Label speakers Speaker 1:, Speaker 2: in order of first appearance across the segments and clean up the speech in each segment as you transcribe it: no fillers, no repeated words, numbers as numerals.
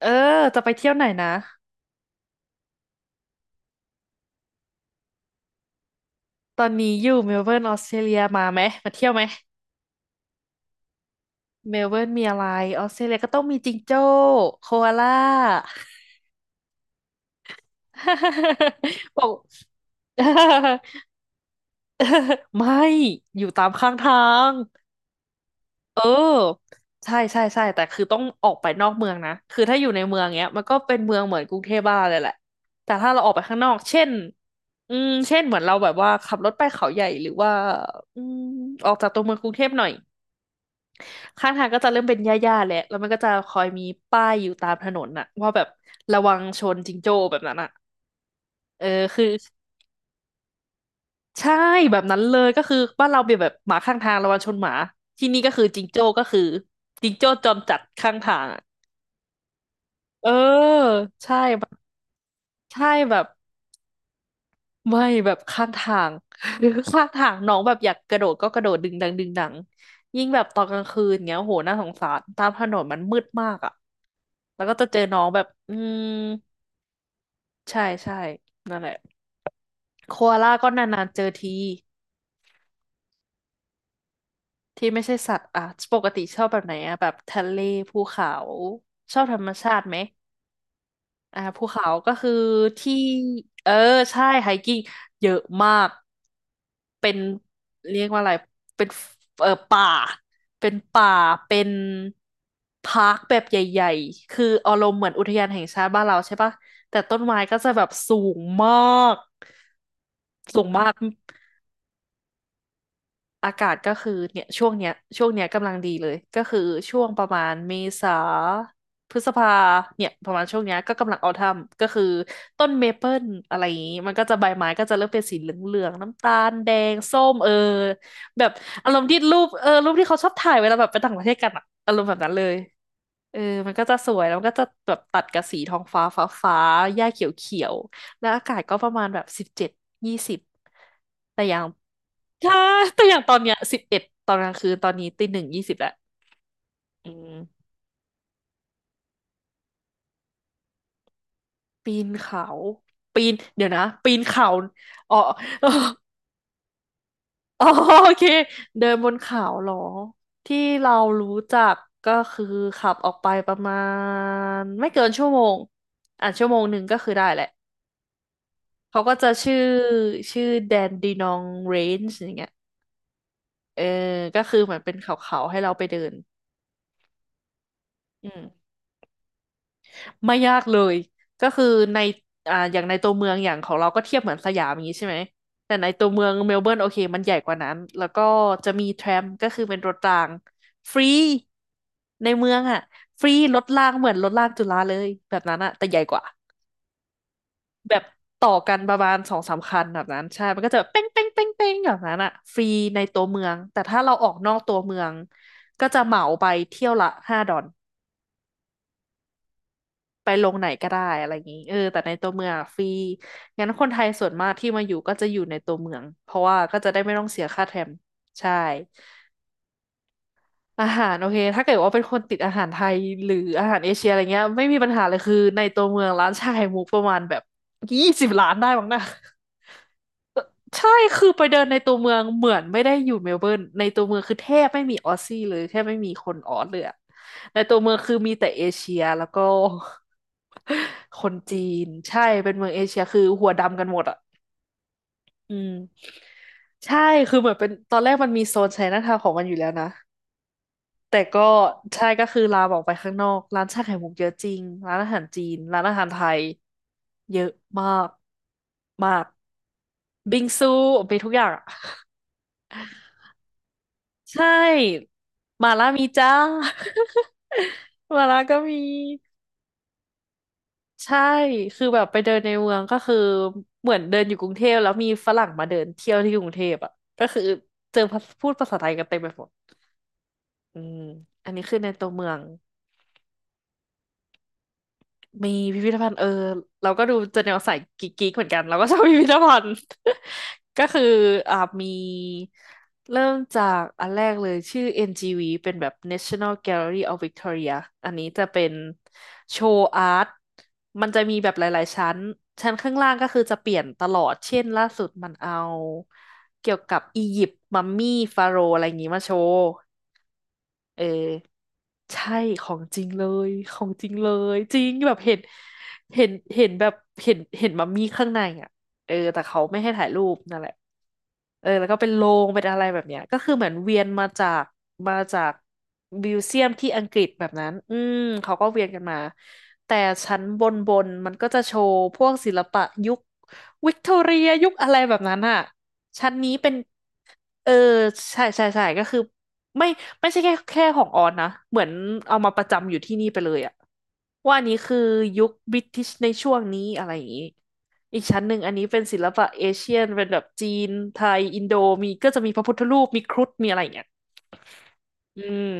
Speaker 1: เออจะไปเที่ยวไหนนะตอนนี้อยู่เมลเบิร์นออสเตรเลียมาไหมมาเที่ยวไหมเมลเบิร์นมีอะไรออสเตรเลียก็ต้องมีจิงโจ้โคอาล่า บอก ไม่อยู่ตามข้างทางเออใช่ใช่ใช่แต่คือต้องออกไปนอกเมืองนะคือถ้าอยู่ในเมืองเนี้ยมันก็เป็นเมืองเหมือนกรุงเทพบ้านเาเลยแหละแต่ถ้าเราออกไปข้างนอกเช่นเช่นเหมือนเราแบบว่าขับรถไปเขาใหญ่หรือว่าอืมออกจากตัวเมืองกรุงเทพหน่อย ข้างทางก็จะเริ่มเป็นหญ้าๆแหละแล้วมันก็จะคอยมีป้ายอยู่ตามถนนน่ะว่าแบบระวังชนจิงโจ้แบบนั้นอ่ะเออคือใช่แบบนั้นเลยก็คือบ้านเราเป็นแบบหมาข้างทางระวังชนหมาที่นี่ก็คือจิงโจ้ก็คือจิงโจ้จอมจัดข้างทางอะเออใช่แบบใช่แบบไม่แบบข้างทาง หรือข้างทางน้องแบบอยากกระโดดก็กระโดดดึงดังดึงดังยิ่งแบบตอนกลางคืนเงี้ยโหน่าสงสารตามถนนมันมืดมากอ่ะแล้วก็จะเจอน้องแบบใช่ใช่นั่นแหละโคอาล่าก็นานๆเจอทีที่ไม่ใช่สัตว์อ่ะปกติชอบแบบไหนอ่ะแบบทะเลภูเขาชอบธรรมชาติไหมอ่าภูเขาก็คือที่เออใช่ไฮกิ้งเยอะมากเป็นเรียกว่าอะไรเป็นเออป่าเป็นป่าเป็นพาร์คแบบใหญ่ๆคืออารมณ์เหมือนอุทยานแห่งชาติบ้านเราใช่ปะแต่ต้นไม้ก็จะแบบสูงมากสูงมาก อากาศก็คือเนี่ยช่วงเนี้ยช่วงเนี้ยกำลังดีเลยก็คือช่วงประมาณเมษาพฤษภาเนี่ยประมาณช่วงเนี้ยก็กำลังเอาทำก็คือต้นเมเปิลอะไรอย่างงี้มันก็จะใบไม้ก็จะเริ่มเป็นสีเหลืองๆน้ำตาลแดงส้มเออแบบอารมณ์ที่รูปเออรูปที่เขาชอบถ่ายเวลาแบบไปต่างประเทศกันอะอารมณ์แบบนั้นเลยเออมันก็จะสวยแล้วมันก็จะแบบตัดกับสีทองฟ้าฟ้าฟ้าหญ้าเขียวเขียวแล้วอากาศก็ประมาณแบบ17ยี่สิบแต่อย่าง ใช่แต่อย่างตอนเนี้ย11ตอนกลางคืนตอนนี้ตีหนึ่งยี่สิบแล้วอืมปีนเขาปีนเดี๋ยวนะปีนเขาอ๋อ อ๋ออ๋อโอเคเดินบนเขาเหรอที่เรารู้จักก็คือขับออกไปประมาณไม่เกินชั่วโมงอ่ะชั่วโมงหนึ่งก็คือได้แหละเขาก็จะชื่อชื่อแดนดีนองเรนจ์อย่างเงี้ยเออก็คือเหมือนเป็นเขาๆให้เราไปเดินอืม ไม่ยากเลยก็คือในอ่าอย่างในตัวเมืองอย่างของเรา ก็เทียบเหมือนสยามอย่างนี้ใช่ไหมแต่ในตัวเมืองเมลเบิร์นโอเคมันใหญ่กว่านั้น แล้วก็จะมีแทรมก็คือเป็นรถรางฟรีในเมืองอ่ะฟรีรถรางเหมือนรถรางจุฬาเลยแบบนั้นอ่ะแต่ใหญ่กว่าแบบต่อกันประมาณสองสามคันแบบนั้นใช่มันก็จะเป้งเป้งเป้งเป้งแบบนั้นอ่ะฟรีในตัวเมืองแต่ถ้าเราออกนอกตัวเมืองก็จะเหมาไปเที่ยวละ5ดอน ไปลงไหนก็ได้อะไรอย่างงี้เออแต่ในตัวเมืองอะฟรีงั้นคนไทยส่วนมากที่มาอยู่ก็จะอยู่ในตัวเมืองเพราะว่าก็จะได้ไม่ต้องเสียค่าแทรมใช่อาหารโอเคถ้าเกิดว่าเป็นคนติดอาหารไทยหรืออาหารเอเชียอะไรเงี้ยไม่มีปัญหาเลยคือในตัวเมืองร้านชาไข่มุกประมาณแบบยี่สิบร้านได้บ้างนะ ใช่คือไปเดินในตัวเมืองเหมือนไม่ได้อยู่เมลเบิร์นในตัวเมืองคือแทบไม่มีออสซี่เลยแทบไม่มีคนออสเลยอะในตัวเมืองคือมีแต่เอเชียแล้วก็ คนจีนใช่เป็นเมืองเอเชียคือหัวดำกันหมดอ่ะอืมใช่ คือเหมือนเป็นตอนแรกมันมีโซนไชน่าทาวน์ของมันอยู่แล้วนะแต่ก็ใช่ก็คือลามออกไปข้างนอกร้านชาไข่มุกเยอะจริงร้านอาหารจีนร้านอาหารไทยเยอะมากมากบิงซูมีทุกอย่างอะ ใช่หมาล่ามีจ้า หมาล่าก็มีใช่คือแบบไปเดินในเมืองก็คือเหมือนเดินอยู่กรุงเทพแล้วมีฝรั่งมาเดินเที่ยวที่กรุงเทพอ่ะก็คือเจอพูดภาษาไทยกันเต็มไปหมดอืมอันนี้คือในตัวเมือง มีพิพิธภัณฑ์เออเราก็ดูจะแนวสายกิ๊กๆเหมือนกันเราก็ชอบพิพิธภัณฑ์ ก็คืออ่ามีเริ่มจากอันแรกเลยชื่อ NGV เป็นแบบ National Gallery of Victoria อันนี้จะเป็นโชว์อาร์ตมันจะมีแบบหลาย ๆ ชั้นชั้นข้างล่างก็คือจะเปลี่ยนตลอดเช่นล่าสุดมันเอาเกี่ยวกับอียิปต์มัมมี่ฟาโรห์อะไรอย่างนี้มาโชว์ เออใช่ของจริงเลยของจริงเลยจริงแบบเห็นเห็นเห็นแบบเห็นเห็นมัมมี่ข้างในอ่ะเออแต่เขาไม่ให้ถ่ายรูปนั่นแหละเออแล้วก็เป็นโรงเป็นอะไรแบบเนี้ยก็คือเหมือนเวียนมาจากมิวเซียมที่อังกฤษแบบนั้นอืมเขาก็เวียนกันมาแต่ชั้นบนมันก็จะโชว์พวกศิลปะยุควิกตอเรียยุคอะไรแบบนั้นอ่ะชั้นนี้เป็นเออใช่ใช่ใช่ก็คือ ไม่ไม่ใช่แค่ของออนนะเหมือนเอามาประจำอยู่ที่นี่ไปเลยอะว่าอันนี้คือยุคบริติชในช่วงนี้อะไรอย่างนี้อีกชั้นหนึ่งอันนี้เป็นศิลปะเอเชียนเป็นแบบจีนไทยอินโดมีก็จะมีพระพุทธรูปมีครุฑมีอะไรอย่างเงี้ยอืม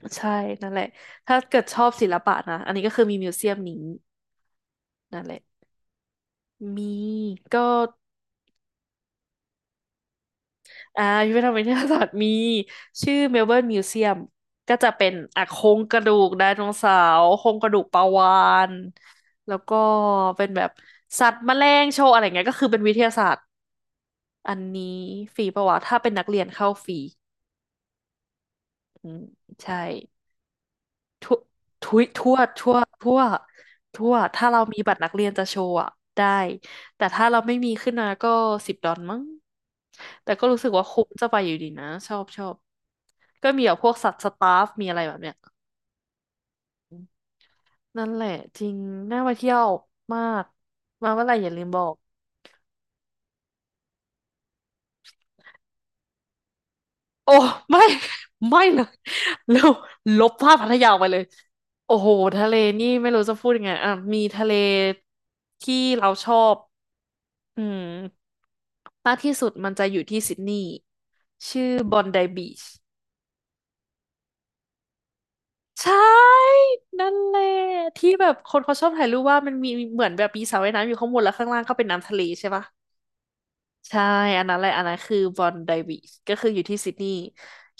Speaker 1: ใช่นั่นแหละถ้าเกิดชอบศิลปะนะอันนี้ก็คือมีมิวเซียมนี้นั่นแหละมีก็ อ่าพิพิธภัณฑ์วิทยาศาสตร์มีชื่อเมลเบิร์นมิวเซียมก็จะเป็นอ่ะโครงกระดูกไดโนเสาร์โครงกระดูกปลาวาฬแล้วก็เป็นแบบสัตว์แมลงโชว์อะไรเงี้ยก็คือเป็นวิทยาศาสตร์อันนี้ฟรีปะวะถ้าเป็นนักเรียนเข้าฟรีอืมใช่ ทั่วทุยทั่วทั่วถ้าเรามีบัตรนักเรียนจะโชว์อะได้แต่ถ้าเราไม่มีขึ้นมาก็10 ดอลมั้งแต่ก็รู้สึกว่าคุ้มจะไปอยู่ดีนะชอบชอบก็มีแบบพวกสัตว์สตาฟมีอะไรแบบเนี้ยนั่นแหละจริงน่าไปเที่ยวมากมาเมื่อไหร่อย่าลืมบอกโอ้ไม่ ไม่เลย เร็วลบภาพพัทยาออกไปเลยโอ้โหทะเลนี่ไม่รู้จะพูดยังไงอ่ะมีทะเลที่เราชอบ อืมมากที่สุดมันจะอยู่ที่ซิดนีย์ชื่อบอนไดบีชใช่นั่นแหละที่แบบคนเขาชอบถ่ายรูปว่ามันมีเหมือนแบบมีสระว่ายน้ำอยู่ข้างบนแล้วข้างล่างก็เป็นน้ำทะเลใช่ปะใช่อันนั้นแหละอันนั้นคือบอนไดบีชก็คืออยู่ที่ซิดนีย์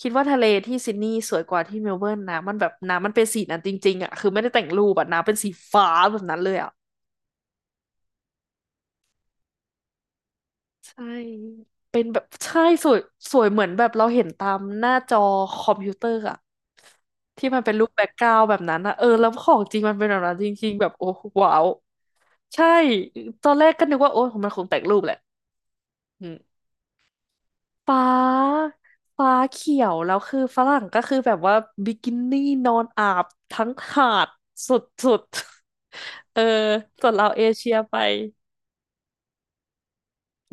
Speaker 1: คิดว่าทะเลที่ซิดนีย์สวยกว่าที่เมลเบิร์นนะมันแบบน้ำมันเป็นสีนั้นจริงๆอ่ะคือไม่ได้แต่งรูปอ่ะน้ำเป็นสีฟ้าแบบนั้นเลยอ่ะ ใช่ เป็นแบบใช่สวยสวยเหมือนแบบเราเห็นตามหน้าจอคอมพิวเตอร์อะที่มันเป็นรูปแบ็กกราวด์แบบนั้นอะเออแล้วของจริงมันเป็นแบบนั้นจริงๆแบบโอ้ว้าวใช่ตอนแรกก็นึกว่าโอ้มันคงแต่งรูปแหละอืมฟ้าฟ้าเขียวแล้วคือฝรั่งก็คือแบบว่าบิกินี่นอนอาบทั้งหาดสุดๆ เออส่วนเราเอเชียไป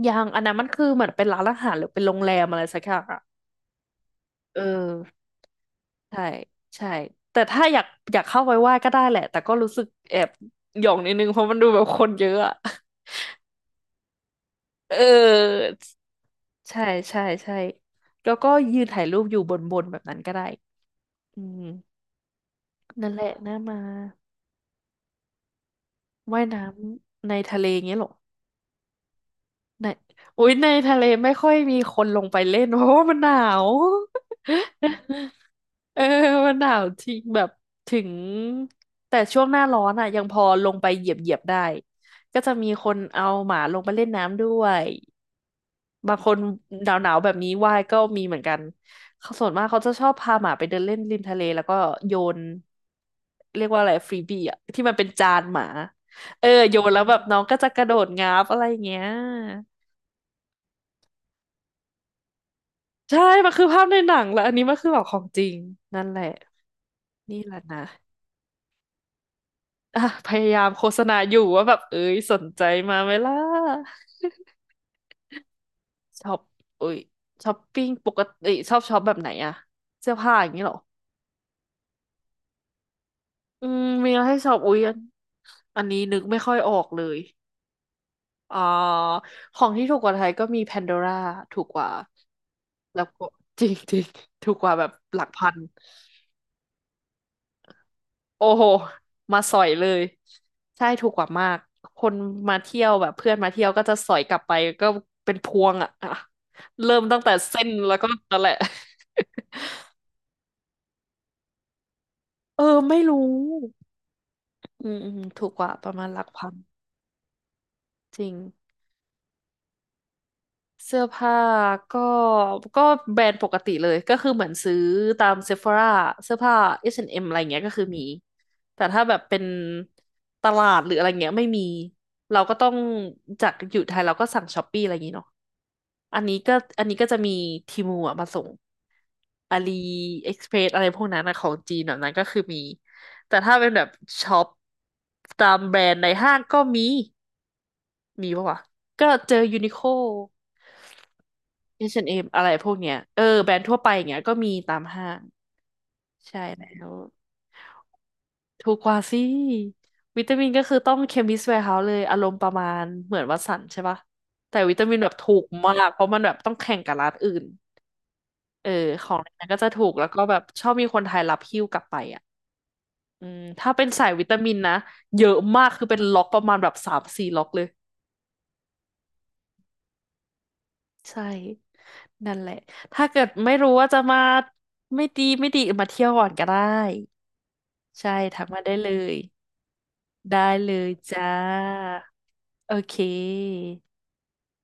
Speaker 1: ยังอันนั้นมันคือเหมือนเป็นร้านอาหารหรือเป็นโรงแรมอะไรสักอย่างอะเออ ใช่ใช่แต่ถ้าอยากเข้าไปไหว้ก็ได้แหละแต่ก็รู้สึกแอบหย่องนิดนึงเพราะมันดูแบบคนเยอะอะ เออใช่ใช่ใช่แล้วก็ยืนถ่ายรูปอยู่บนแบบนั้นก็ได้อืมนั่นแหละน่ามาว่ายน้ำในทะเลเงี้ยเหรอ ในอุ๊ยในทะเลไม่ค่อยมีคนลงไปเล่น เพราะว่ามันหนาว เออมันหนาวจริงแบบถึงแต่ช่วงหน้าร้อนอ่ะยังพอลงไปเหยียบได้ก็จะมีคนเอาหมาลงไปเล่นน้ำด้วยบางคนหนาวหนาวแบบนี้ว่ายก็มีเหมือนกันเขาส่วนมากเขาจะชอบพาหมาไปเดินเล่นริมทะเลแล้วก็โยนเรียกว่าอะไรฟรีบี้อะที่มันเป็นจานหมาเออโยนแล้วแบบน้องก็จะกระโดดงาบอะไรอย่างเงี้ย ใช่ มันคือภาพในหนังแล้วอันนี้มันคือแบบของจริงนั่นแหละนี่แหละนะอ่ะพยายามโฆษณาอยู่ว่าแบบเอ้ยสนใจมาไหมล่ะช็อปเอ้ยช้อปปิ้งปกติชอบช็อปแบบไหนอะเสื้อผ้าอย่างนี้เหรออืมมีอะไรให้ช็อปอุ้ยอันนี้นึกไม่ค่อยออกเลยอ่าของที่ถูกกว่าไทยก็มี Pandora ถูกกว่าแล้วก็ จริงจริงถูกกว่าแบบหลักพัน โอ้โห มาสอยเลย ใช่ ถูกกว่ามาก คนมาเที่ยวแบบเพื่อนมาเที่ยวก็จะสอยกลับไปก็เป็นพวงอ่ะอะเริ่มตั้งแต่เส้นแล้วก็นั่นแหละเออ ไม่รู้อืมอืมถูกกว่าประมาณหลักพันจริง เสื้อผ้าก็ก็แบรนด์ปกติเลยก็คือเหมือนซื้อตามเซฟ h o ร a เสื้อผ้า H&M อสแอนด์เอ็มอะไรเงี้ยก็คือมีแต่ถ้าแบบเป็นตลาดหรืออะไรเงี้ยไม่มีเราก็ต้องจากอยู่ไทยเราก็สั่งช้อปปี้อะไรอย่างงี้เนาะอันนี้ก็อันนี้ก็จะมีทีมูอะมาส่งอาลีเอ็กซ์เพรสอะไรพวกนั้นนะของจีนแบบนั้นก็คือมีแต่ถ้าเป็นแบบช็อปตามแบรนด์ในห้างก็มีมีปะวะก็เจอยูนิโค H&M อชแอนด์เอ็มอะไรพวกเนี้ยเออแบรนด์ทั่วไปอย่างเงี้ยก็มีตามห้างใช่แล้วถูกกว่าสิวิตามินก็คือต้อง Chemist Warehouse เลยอารมณ์ประมาณเหมือนวัตสันใช่ปะแต่วิตามินแบบถูกมากเพราะมันแบบต้องแข่งกับร้านอื่นเออของนั้นก็จะถูกแล้วก็แบบชอบมีคนไทยรับหิ้วกลับไปอ่ะอืมถ้าเป็นสายวิตามินนะเยอะมากคือเป็นล็อกประมาณแบบ3-4 ล็อกเลยใช่นั่นแหละถ้าเกิดไม่รู้ว่าจะมาไม่ดีมาเที่ยวก่อนก็ได้ ใช่ทักมาได้เลยได้เลยจ้าโอเค